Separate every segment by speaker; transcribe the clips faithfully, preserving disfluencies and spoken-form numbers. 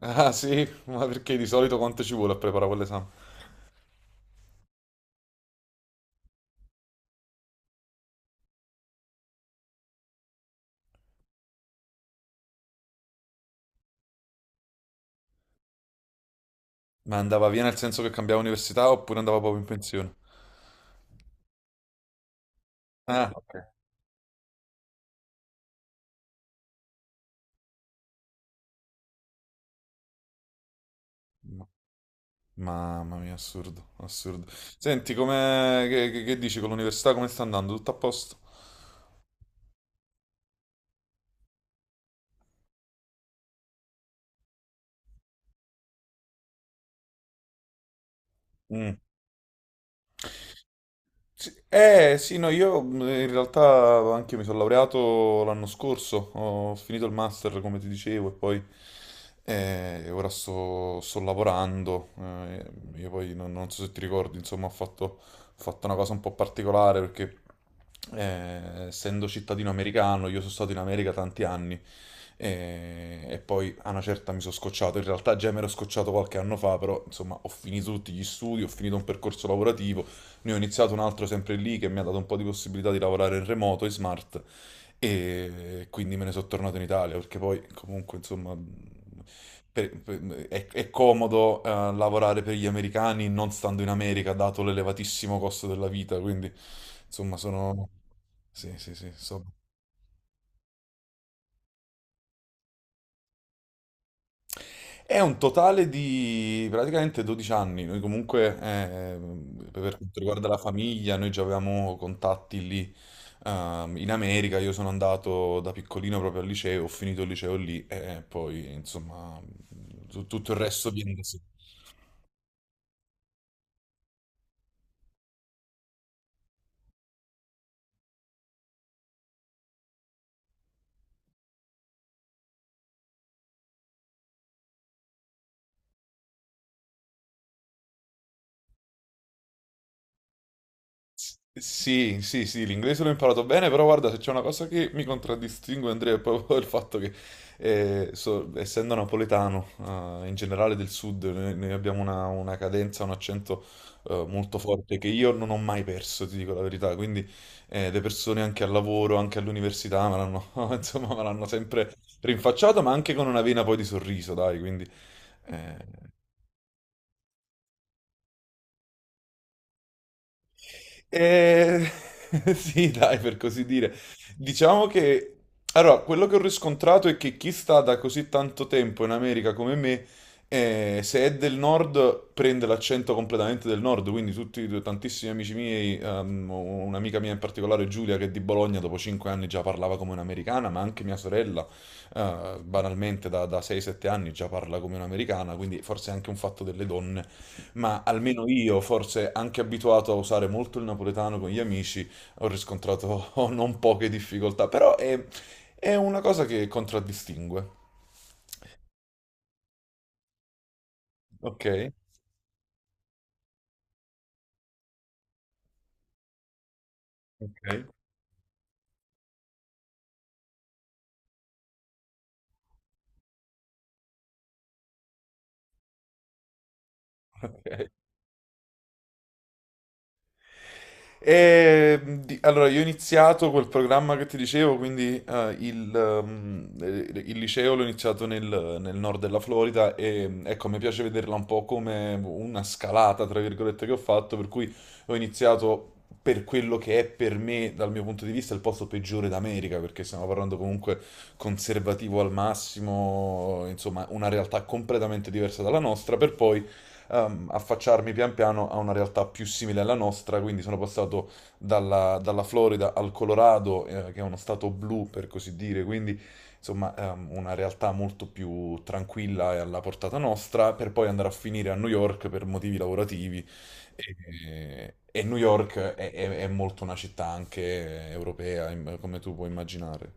Speaker 1: Ah sì, ma perché di solito quanto ci vuole a preparare quell'esame? Ma andava via nel senso che cambiava università oppure andava proprio in pensione? Ah, ma- mamma mia, assurdo, assurdo. Senti, come, che, che- che dici con l'università, come sta andando? Tutto a posto? Mm. Sì, eh sì, no, io mh, in realtà anche io mi sono laureato l'anno scorso, ho finito il master come ti dicevo e poi eh, ora sto, sto lavorando, eh, io poi non, non so se ti ricordi, insomma ho fatto, ho fatto una cosa un po' particolare perché eh, essendo cittadino americano io sono stato in America tanti anni, eh, e poi a una certa mi sono scocciato, in realtà già mi ero scocciato qualche anno fa, però insomma ho finito tutti gli studi, ho finito un percorso lavorativo. Ne ho iniziato un altro sempre lì che mi ha dato un po' di possibilità di lavorare in remoto, in smart, e quindi me ne sono tornato in Italia perché poi comunque insomma per- per- è, è comodo eh, lavorare per gli americani non stando in America dato l'elevatissimo costo della vita, quindi insomma sono... Sì, sì, sì, so. È un totale di praticamente dodici anni. Noi comunque, eh, per quanto riguarda la famiglia, noi già avevamo contatti lì, ehm, in America. Io sono andato da piccolino proprio al liceo, ho finito il liceo lì e poi, insomma, tu- tutto il resto viene da sé. Sì, sì, sì, l'inglese l'ho imparato bene, però guarda, se c'è una cosa che mi contraddistingue, Andrea, è proprio il fatto che, eh, so- essendo napoletano, eh, in generale del sud, noi, noi abbiamo una, una cadenza, un accento, eh, molto forte che io non ho mai perso, ti dico la verità. Quindi, eh, le persone anche al lavoro, anche all'università, me l'hanno, insomma, me l'hanno sempre rinfacciato, ma anche con una vena poi di sorriso, dai, quindi... eh, Eh, sì, dai, per così dire. Diciamo che... Allora, quello che ho riscontrato è che chi sta da così tanto tempo in America come me, eh, se è del nord, prende l'accento completamente del nord. Quindi tutti, tantissimi amici miei, ehm, un'amica mia in particolare, Giulia, che è di Bologna, dopo cinque anni già parlava come un'americana, ma anche mia sorella, eh, banalmente da, da sei sette anni già parla come un'americana, quindi forse è anche un fatto delle donne. Ma almeno io, forse anche abituato a usare molto il napoletano con gli amici, ho riscontrato non poche difficoltà, però è, è una cosa che contraddistingue. Ok, ok, ok. E, di- allora, io ho iniziato quel programma che ti dicevo, quindi eh, il, ehm, eh, il liceo l'ho iniziato nel, nel nord della Florida e ecco, mi piace vederla un po' come una scalata, tra virgolette, che ho fatto, per cui ho iniziato per quello che è per me, dal mio punto di vista, il posto peggiore d'America, perché stiamo parlando comunque conservativo al massimo, insomma, una realtà completamente diversa dalla nostra, per poi ehm, affacciarmi pian piano a una realtà più simile alla nostra, quindi sono passato dalla, dalla Florida al Colorado, eh, che è uno stato blu per così dire, quindi insomma ehm, una realtà molto più tranquilla e alla portata nostra, per poi andare a finire a New York per motivi lavorativi. E, e New York è, è- è molto una città anche europea, im- come tu puoi immaginare.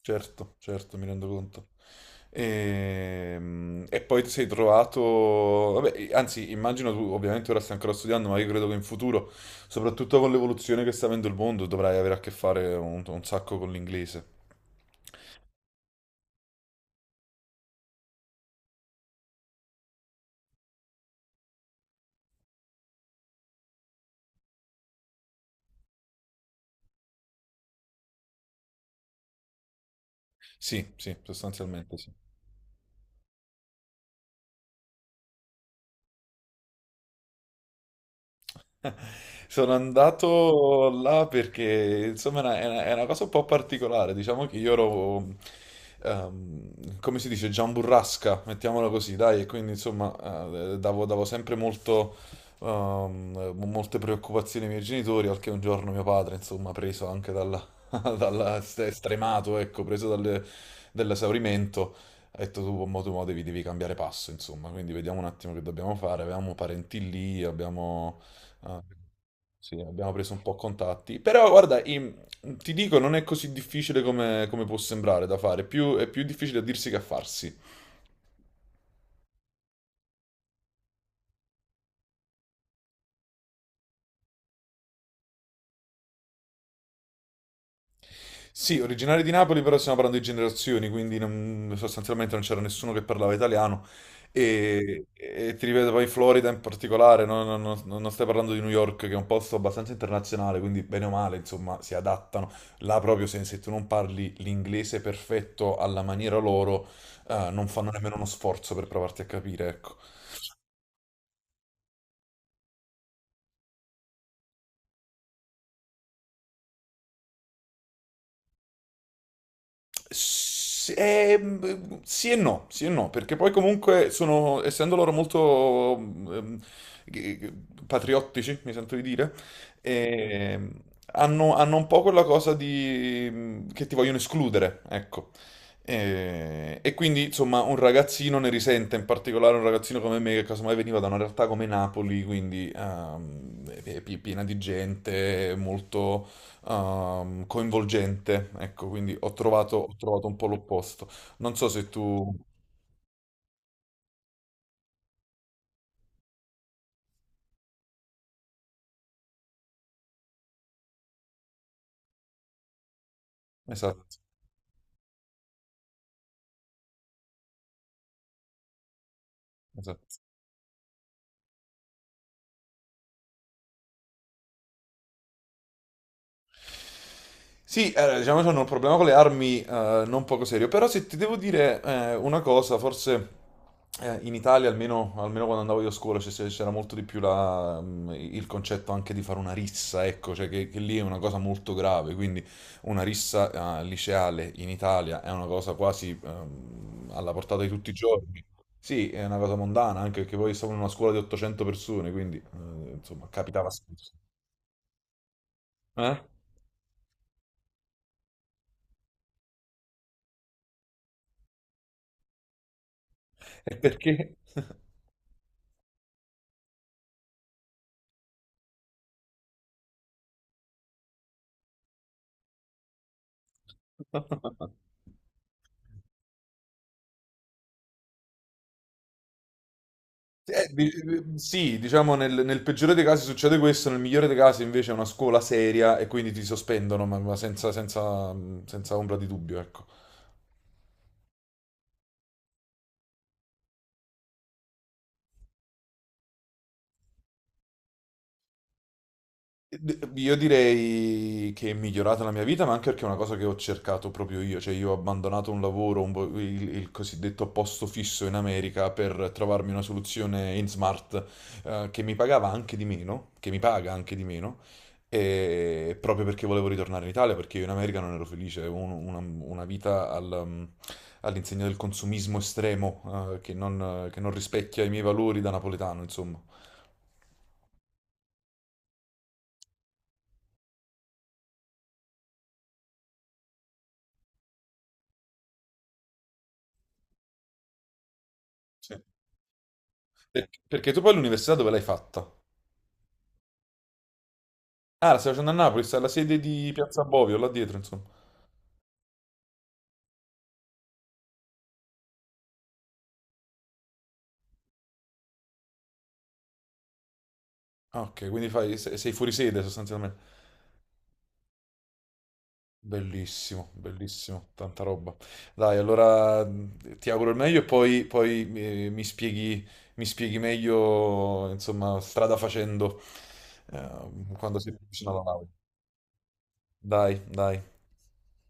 Speaker 1: Certo, certo, mi rendo conto. Ehm, E, poi ti sei trovato, vabbè, anzi, immagino tu, ovviamente ora stai ancora studiando, ma io credo che in futuro, soprattutto con l'evoluzione che sta avendo il mondo, dovrai avere a che fare un, un sacco con l'inglese. Sì, sì, sostanzialmente sì. Sono andato là perché insomma è una, è una- è una cosa un po' particolare, diciamo che io ero, ehm, come si dice, giamburrasca, mettiamola così, dai, e quindi insomma eh, davo, davo sempre molto, ehm, molte preoccupazioni ai miei genitori, al che un giorno mio padre, insomma, preso anche dalla, dalla- est- stremato, ecco, preso dalle- dall'esaurimento, ha detto tu, mo, tu mo devi, devi cambiare passo, insomma, quindi vediamo un attimo che dobbiamo fare, avevamo parenti lì, abbiamo... Ah, sì, abbiamo preso un po' contatti. Però guarda, i- ti dico, non è così difficile come, come può sembrare da fare. Più- è più difficile a dirsi che a farsi. Sì, originari di Napoli, però stiamo parlando di generazioni, quindi non- sostanzialmente non c'era nessuno che parlava italiano. E, e ti ripeto, poi in Florida in particolare, no- no- no- non stai parlando di New York, che è un posto abbastanza internazionale, quindi bene o male, insomma, si adattano. Là proprio se, se tu non parli l'inglese perfetto alla maniera loro, eh, non fanno nemmeno uno sforzo per provarti a capire, ecco. Sì eh, sì e no, sì e no, perché poi comunque sono, essendo loro molto ehm, g- g- patriottici, mi sento di dire, ehm, hanno, hanno un po' quella cosa di, mhmm, che ti vogliono escludere, ecco. Eh, E, quindi, insomma, un ragazzino ne risente, in particolare un ragazzino come me, che casomai veniva da una realtà come Napoli, quindi ehm, è pi- piena di gente, molto ehm, coinvolgente, ecco, quindi ho trovato, ho trovato un po' l'opposto. Non so se tu... Esatto, esatto. Sì, eh, diciamo che hanno un problema con le armi, eh, non poco serio, però se ti devo dire eh, una cosa, forse eh, in Italia, almeno, almeno quando andavo io a scuola, c'è- c'era molto di più la- mm, il concetto anche di fare una rissa, ecco, cioè che, che lì è una cosa molto grave, quindi una rissa eh, liceale in Italia è una cosa quasi ehm, alla portata di tutti i giorni. Sì, è una cosa mondana, anche perché poi stavo in una scuola di ottocento persone, quindi eh, insomma capitava spesso. Eh? E perché? Eh, di- eh, sì, diciamo nel, nel peggiore dei casi succede questo, nel migliore dei casi invece è una scuola seria e quindi ti sospendono, ma, ma senza, senza- senza ombra di dubbio, ecco. Io direi che è migliorata la mia vita, ma anche perché è una cosa che ho cercato proprio io, cioè io ho abbandonato un lavoro, un po' il, il cosiddetto posto fisso in America per trovarmi una soluzione in smart, eh, che mi pagava anche di meno, che mi paga anche di meno, e proprio perché volevo ritornare in Italia, perché io in America non ero felice, avevo un- una, una vita al, mm, all'insegna del consumismo estremo, eh, che non, che non rispecchia i miei valori da napoletano, insomma. Sì. Per- Perché tu poi l'università dove l'hai fatta? Ah, la stai facendo a Napoli, sta alla sede di Piazza Bovio, là dietro, insomma. Ah, ok, quindi fai, se- sei fuori sede sostanzialmente. Bellissimo, bellissimo, tanta roba. Dai, allora mh, ti auguro il meglio e poi, poi, eh, mi spieghi, mi spieghi meglio, insomma, strada facendo, eh, quando sei vicino alla laurea. Dai, dai.